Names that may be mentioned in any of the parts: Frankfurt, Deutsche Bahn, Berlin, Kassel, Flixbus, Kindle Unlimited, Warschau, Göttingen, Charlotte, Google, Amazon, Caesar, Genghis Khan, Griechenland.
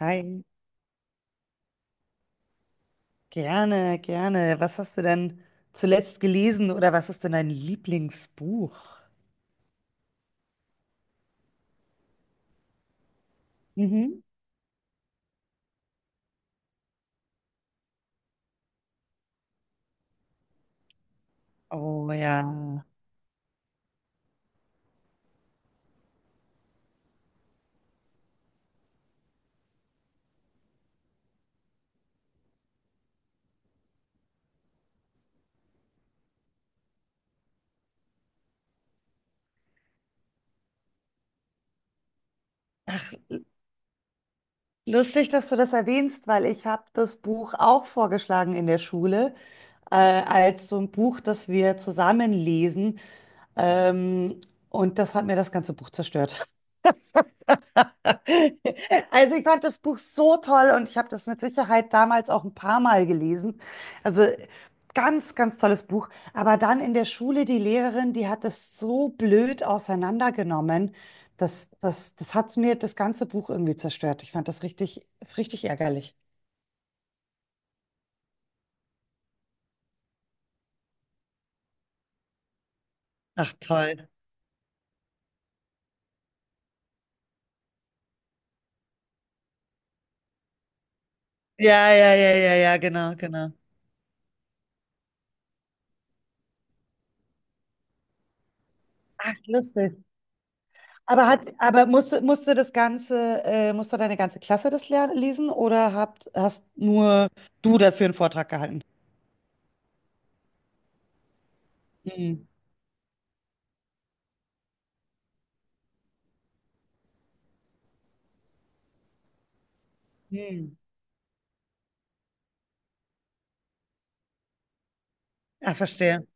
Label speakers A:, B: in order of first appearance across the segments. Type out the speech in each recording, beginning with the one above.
A: Hi, gerne, gerne. Was hast du denn zuletzt gelesen oder was ist denn dein Lieblingsbuch? Mhm. Oh ja. Lustig, dass du das erwähnst, weil ich habe das Buch auch vorgeschlagen in der Schule, als so ein Buch, das wir zusammen lesen. Ähm, und das hat mir das ganze Buch zerstört. Also ich fand das Buch so toll und ich habe das mit Sicherheit damals auch ein paar Mal gelesen. Also ganz, ganz tolles Buch. Aber dann in der Schule, die Lehrerin, die hat das so blöd auseinandergenommen, dass das hat mir das ganze Buch irgendwie zerstört. Ich fand das richtig, richtig ärgerlich. Ach toll. Ja, ja, ja, ja, ja, genau, genau. Ach, lustig. Aber musste das ganze, musste deine ganze Klasse das lesen oder hast nur du dafür einen Vortrag gehalten? Hm. Hm. Ah, verstehe.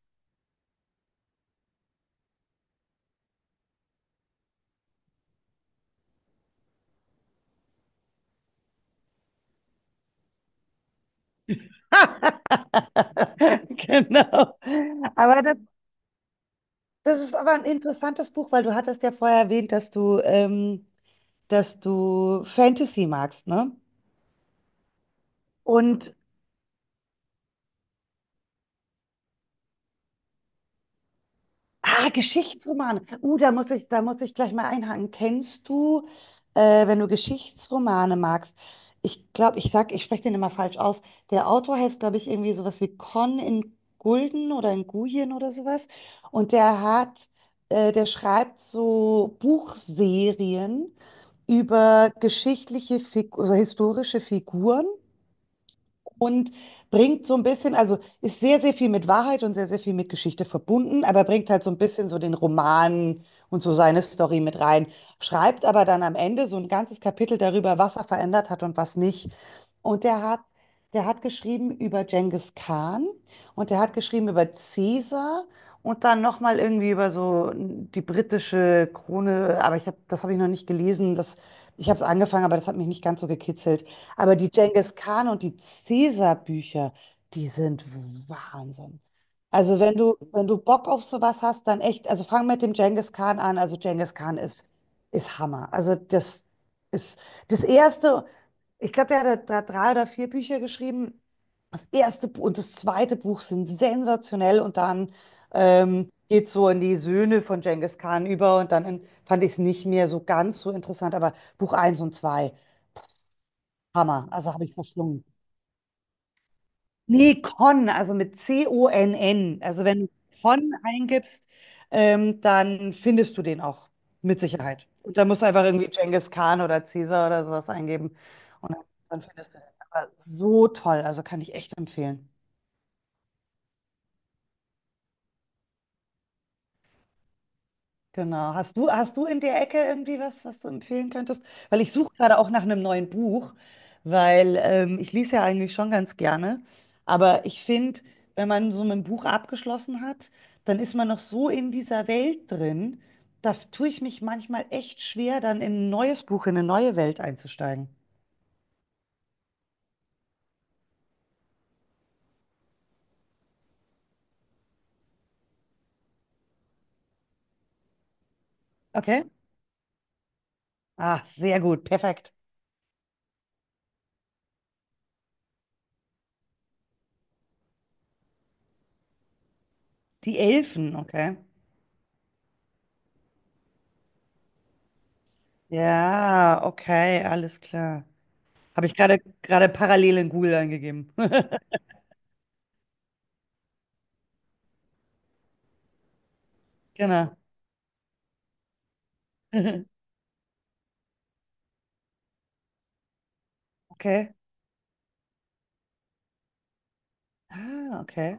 A: Genau. Aber das ist aber ein interessantes Buch, weil du hattest ja vorher erwähnt, dass dass du Fantasy magst, ne? Und ah, Geschichtsromane. Da muss ich gleich mal einhaken. Kennst du, wenn du Geschichtsromane magst, ich glaube, ich spreche den immer falsch aus. Der Autor heißt, glaube ich, irgendwie sowas wie Con in Gulden oder in Guyen oder sowas. Und der schreibt so Buchserien über geschichtliche Fig oder historische Figuren und bringt so ein bisschen, also ist sehr, sehr viel mit Wahrheit und sehr, sehr viel mit Geschichte verbunden, aber bringt halt so ein bisschen so den Roman und so seine Story mit rein. Schreibt aber dann am Ende so ein ganzes Kapitel darüber, was er verändert hat und was nicht. Und der hat geschrieben über Genghis Khan und der hat geschrieben über Caesar und dann nochmal irgendwie über so die britische Krone, aber ich hab, das habe ich noch nicht gelesen. Das, ich habe es angefangen, aber das hat mich nicht ganz so gekitzelt. Aber die Genghis Khan und die Caesar-Bücher, die sind Wahnsinn. Also wenn du Bock auf sowas hast, dann echt, also fang mit dem Genghis Khan an. Also Genghis Khan ist, ist Hammer. Also das ist das erste, ich glaube, der hat da drei oder vier Bücher geschrieben. Das erste und das zweite Buch sind sensationell und dann geht so in die Söhne von Genghis Khan über und dann in, fand ich es nicht mehr so ganz so interessant, aber Buch eins und 2 Hammer, also habe ich verschlungen. Nee, Con, also mit C-O-N-N. Also wenn du Con eingibst, dann findest du den auch mit Sicherheit. Und da musst du einfach irgendwie Genghis Khan oder Caesar oder sowas eingeben und dann findest du den. Aber so toll, also kann ich echt empfehlen. Genau. Hast du in der Ecke irgendwie was, was du empfehlen könntest? Weil ich suche gerade auch nach einem neuen Buch, weil ich lese ja eigentlich schon ganz gerne. Aber ich finde, wenn man so mit einem Buch abgeschlossen hat, dann ist man noch so in dieser Welt drin. Da tue ich mich manchmal echt schwer, dann in ein neues Buch, in eine neue Welt einzusteigen. Okay? Ah, sehr gut, perfekt. Die Elfen, okay. Ja, okay, alles klar. Habe ich gerade gerade parallel in Google eingegeben. Genau. Mhm. Okay. Ah, okay.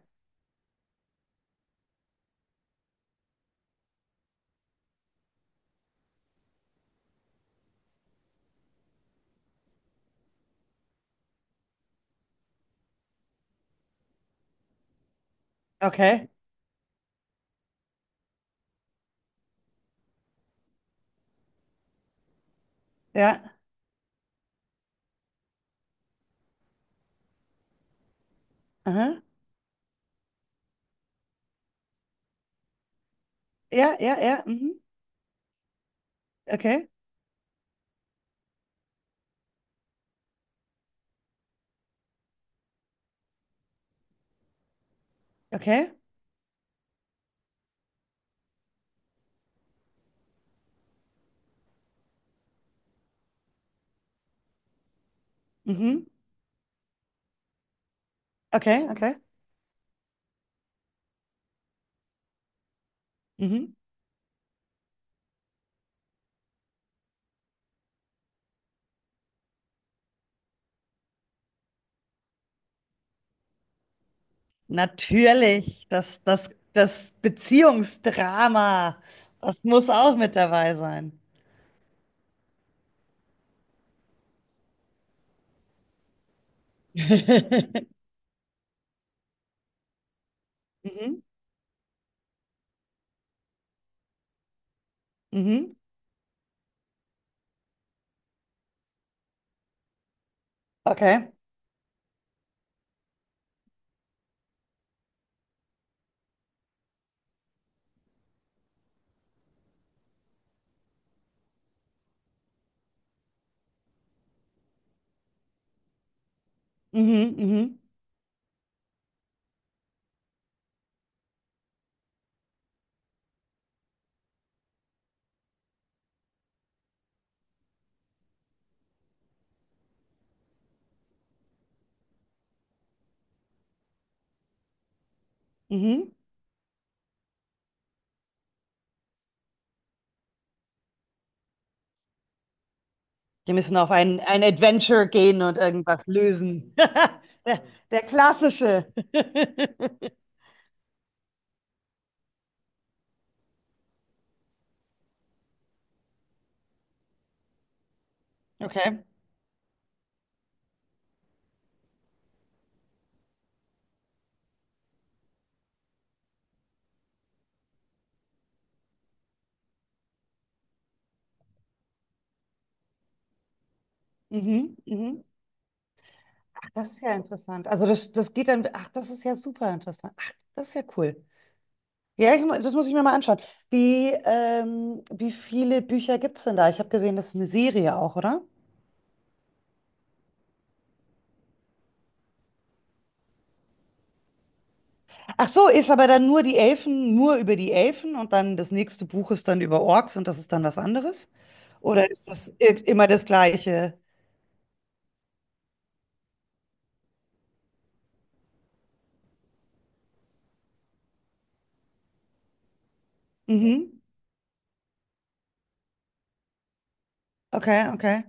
A: Okay. Ja. Aha. Ja, ja, ja. Mhm. Okay. Okay. Mhm. Okay, okay. Mhm. Natürlich, das, das, das Beziehungsdrama, das muss auch mit dabei sein. Mhm. Mhm. Okay. Mhm. Mhm. Mhm. Die müssen auf ein Adventure gehen und irgendwas lösen. Der, der klassische. Okay. Mhm. Mhm. Das ist ja interessant. Also das, das geht dann, ach, das ist ja super interessant. Ach, das ist ja cool. Ja, das muss ich mir mal anschauen. Wie, wie viele Bücher gibt es denn da? Ich habe gesehen, das ist eine Serie auch, oder? Ach so, ist aber dann nur die Elfen, nur über die Elfen und dann das nächste Buch ist dann über Orks und das ist dann was anderes? Oder ist das immer das Gleiche? Mhm. Okay, okay.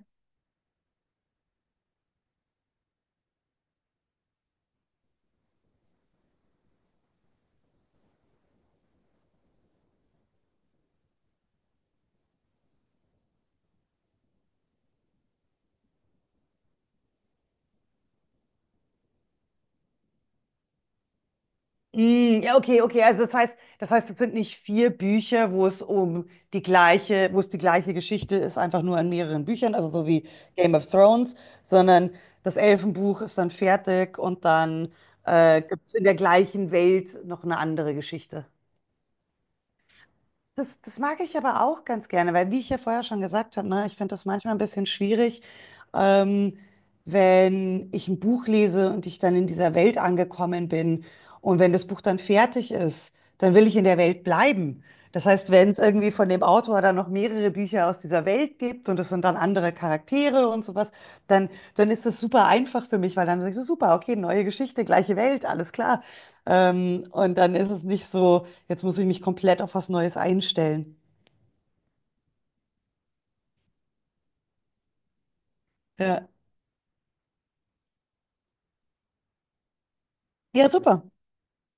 A: Mm, ja, okay, okay. Also das heißt, es sind nicht vier Bücher, wo es um die gleiche, wo es die gleiche Geschichte ist, einfach nur in mehreren Büchern, also so wie Game of Thrones, sondern das Elfenbuch ist dann fertig und dann gibt es in der gleichen Welt noch eine andere Geschichte. Das, das mag ich aber auch ganz gerne, weil wie ich ja vorher schon gesagt habe, ne, ich finde das manchmal ein bisschen schwierig, ähm, wenn ich ein Buch lese und ich dann in dieser Welt angekommen bin und wenn das Buch dann fertig ist, dann will ich in der Welt bleiben. Das heißt, wenn es irgendwie von dem Autor dann noch mehrere Bücher aus dieser Welt gibt und es sind dann andere Charaktere und sowas, dann, dann ist das super einfach für mich, weil dann sage ich so, super, okay, neue Geschichte, gleiche Welt, alles klar. Und dann ist es nicht so. Jetzt muss ich mich komplett auf was Neues einstellen. Ja, ja, super.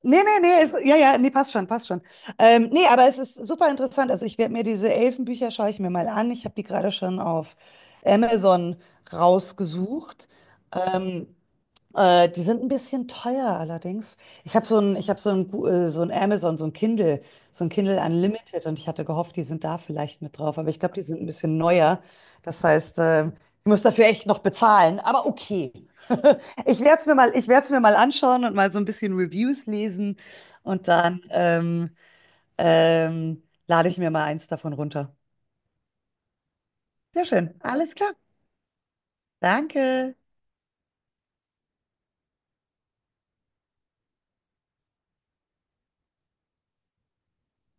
A: Nee, nee, nee, ist, ja, ja, nee, passt schon, passt schon. Nee, aber es ist super interessant. Also ich werde mir diese Elfenbücher, schaue ich mir mal an. Ich habe die gerade schon auf Amazon rausgesucht. Ähm, die sind ein bisschen teuer allerdings. Ich habe so ein, so ein Amazon, so ein Kindle Unlimited und ich hatte gehofft, die sind da vielleicht mit drauf, aber ich glaube, die sind ein bisschen neuer. Das heißt, ich muss dafür echt noch bezahlen, aber okay. Ich werde es mir mal, ich werde es mir mal anschauen und mal so ein bisschen Reviews lesen und dann lade ich mir mal eins davon runter. Sehr schön, alles klar. Danke.